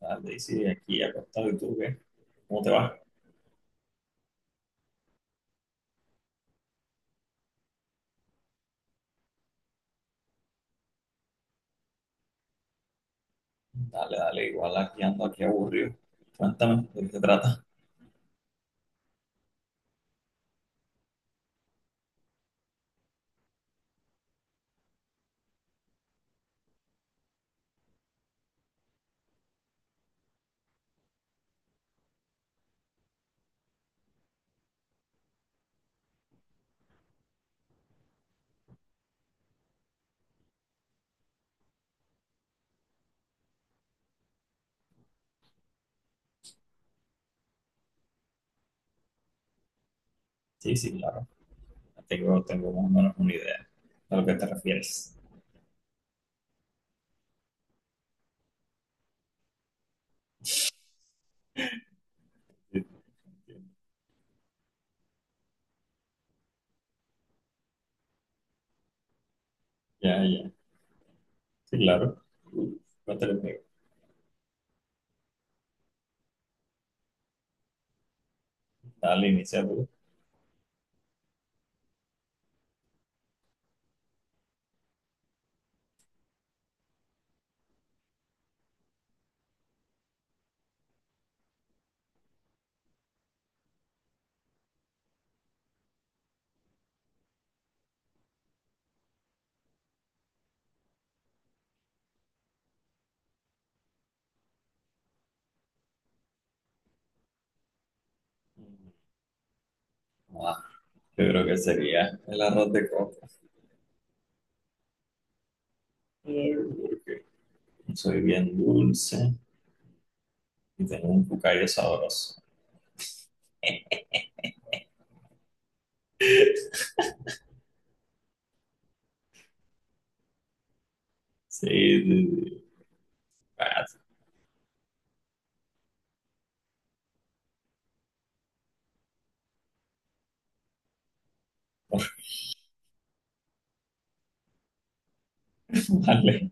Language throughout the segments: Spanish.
Dale, sí, aquí acostado. Y tú, ¿qué? ¿Cómo te va? Dale, dale, igual aquí ando, aquí aburrido. Cuéntame, ¿de qué se trata? Sí, sí, claro. Tengo más o menos una idea a lo que te refieres. Sí, te ya, ya, sí, claro. Cuéntale conmigo. Dale, inicia tú. Ah, yo creo que sería el arroz de coco. Eh, Porque soy bien dulce y tengo un cucayo sabroso. Sí, sí, sí. Ah, vale.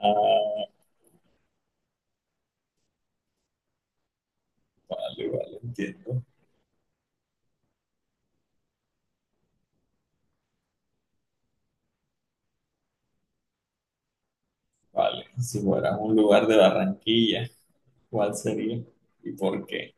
Ah, vale, vale, entiendo. Vale, si fueras un lugar de Barranquilla, ¿cuál sería y por qué?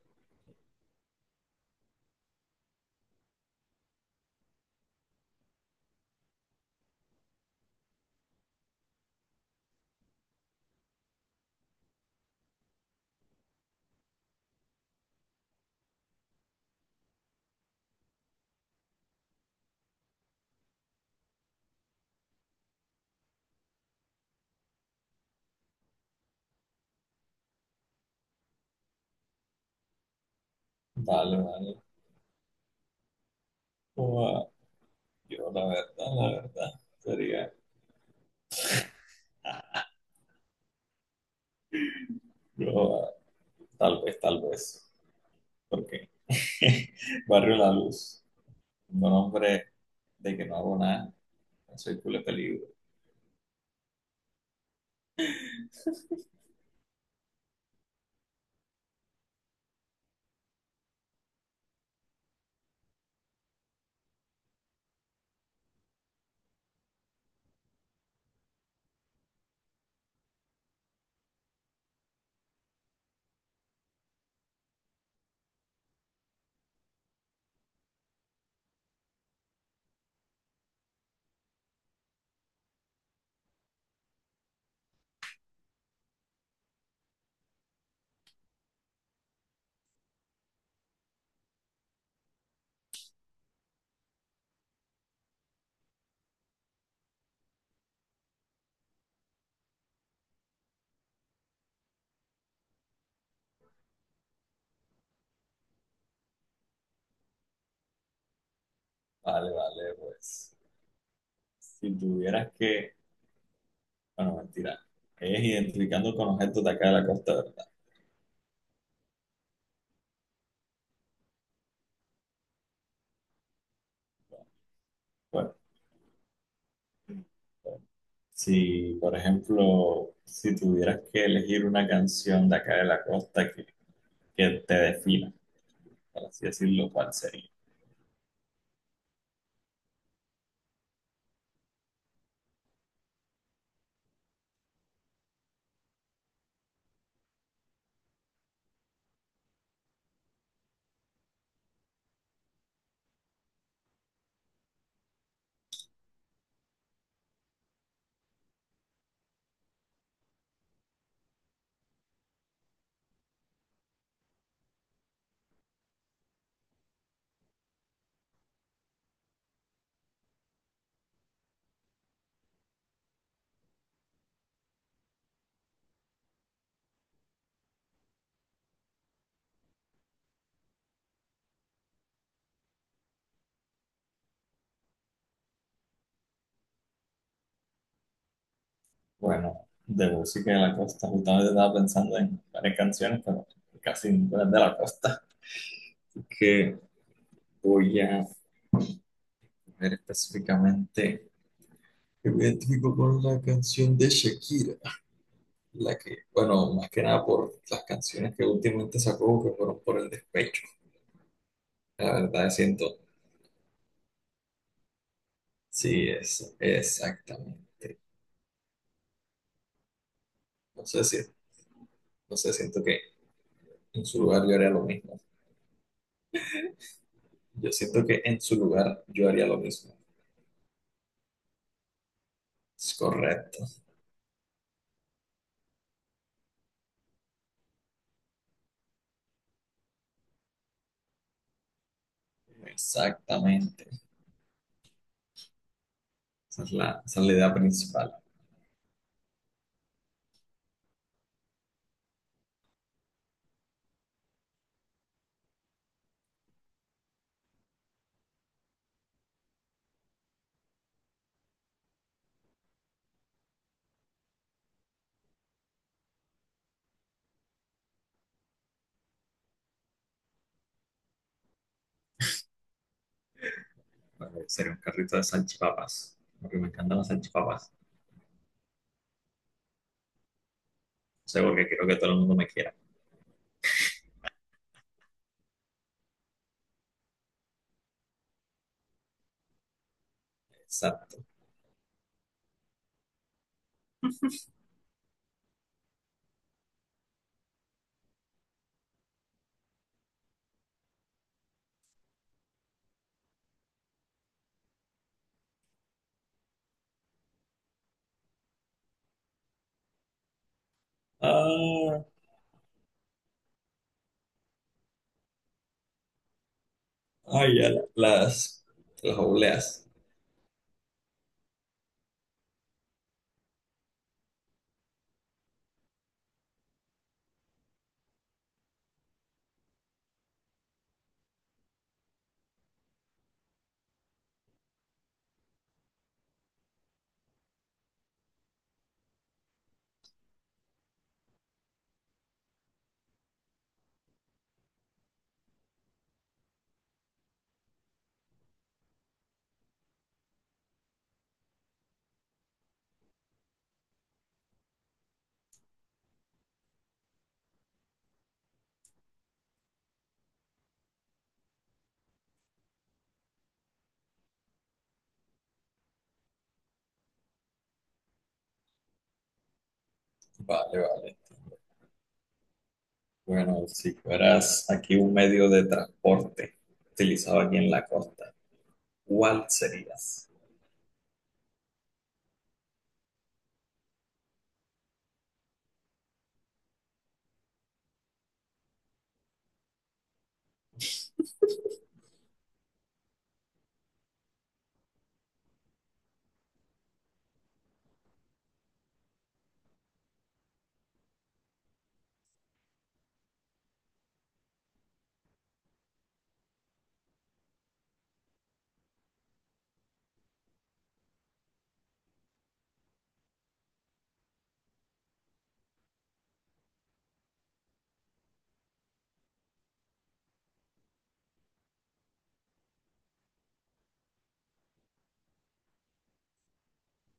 Vale, vale. Ua, yo, la verdad, la verdad, sería yo, tal vez, porque Barrio La Luz, un nombre de que no hago nada, no soy culo de peligro. Vale, vale, pues, si tuvieras que, bueno, mentira, es identificando con objetos de acá de la costa, ¿verdad? Bueno, si, por ejemplo, si tuvieras que elegir una canción de acá de la costa que te defina, por así decirlo, ¿cuál sería? Bueno, de música de la costa, justamente estaba pensando en varias canciones, pero casi ninguna es de la costa. Que voy a ver específicamente. Yo me identifico con la canción de Shakira, la que, bueno, más que nada por las canciones que últimamente sacó, que fueron por el despecho. La verdad, siento, sí, es exactamente. No sé si, no sé, siento que en su lugar yo haría lo mismo. Yo siento que en su lugar yo haría lo mismo. Es correcto. Exactamente. Esa es la idea principal. Vale, sería un carrito de salchipapas. Porque me encantan las salchipapas. O sea, porque quiero que todo el mundo me quiera. Exacto. Ah, ay, ya, las obleas. Vale, vale. Bueno, si fueras aquí un medio de transporte utilizado aquí en la costa, ¿cuál serías?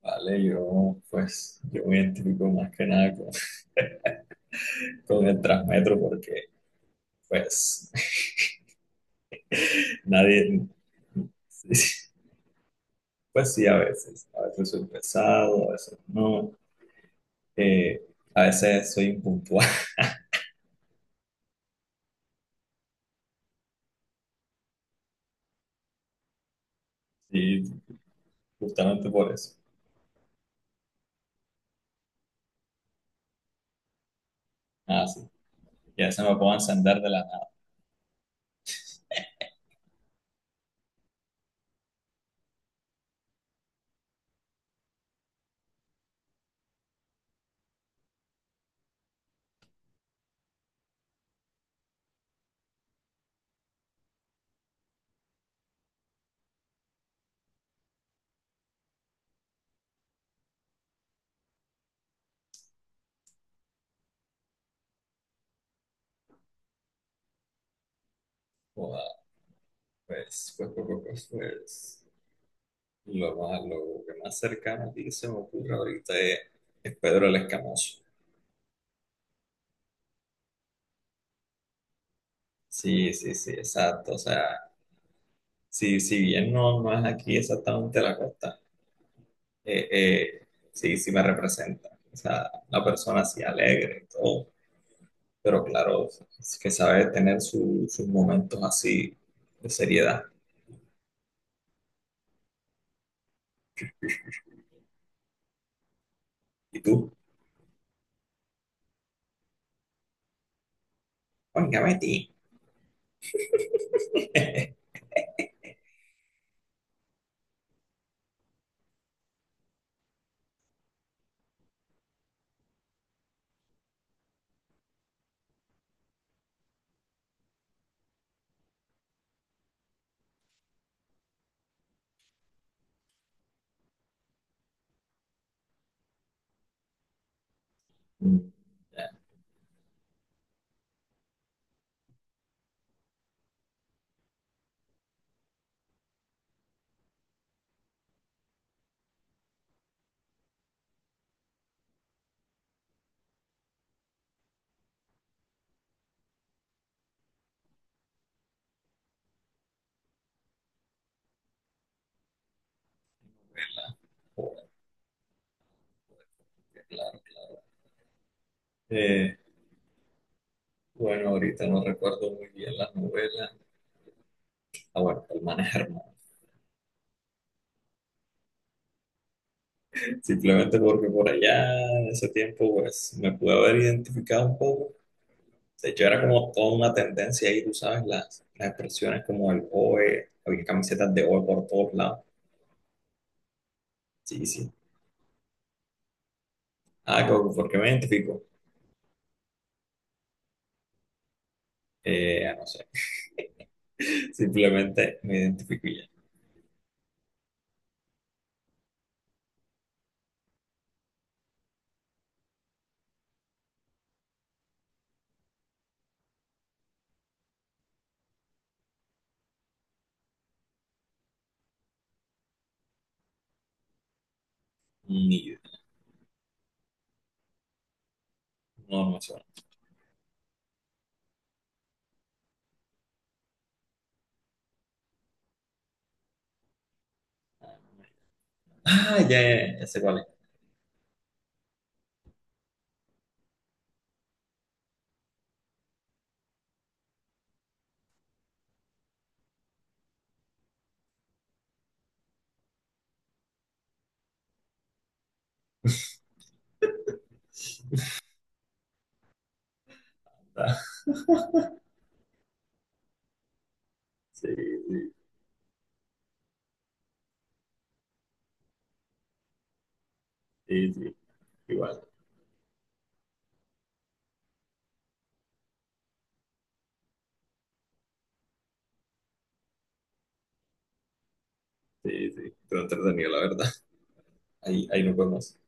Vale, yo me identifico más que nada con, con el Transmetro porque pues nadie, sí, sí, pues sí, a veces soy pesado, a veces no, eh, a veces soy impuntual, y justamente por eso. Ah, sí, y a veces me puedo encender de la nada. Joda, Pues, pues, pues, pues, pues, pues, lo más, lo que más cercano a ti se me ocurre ahorita es Pedro el Escamoso. Sí, sí, sí, exacto, o sea... Si, si bien no, no es aquí exactamente la costa, eh, eh, sí, sí me representa. O sea, una persona así alegre y todo, pero claro, es que sabe tener sus momentos así de seriedad. ¿Y tú? Oiga, Betty. Mm, ya, joder, qué claro. Eh, bueno, ahorita no recuerdo muy bien las novelas. Ah, bueno, El Man es Hermano. Simplemente porque por allá, en ese tiempo, pues me pude haber identificado un poco. De hecho, era como toda una tendencia ahí, tú sabes, las expresiones como el OE, había camisetas de OE por todos lados. Sí, sí. Ah, como, ¿por qué me identifico? No sé. Simplemente me identifico y ya. Ni idea. No, no me suena. Ah, ya, ya, ya sé cuál es. Sí, sí, sí, sí. Igual. Sí, sí. Pero entretenido, la verdad. Ahí, ahí nos vemos.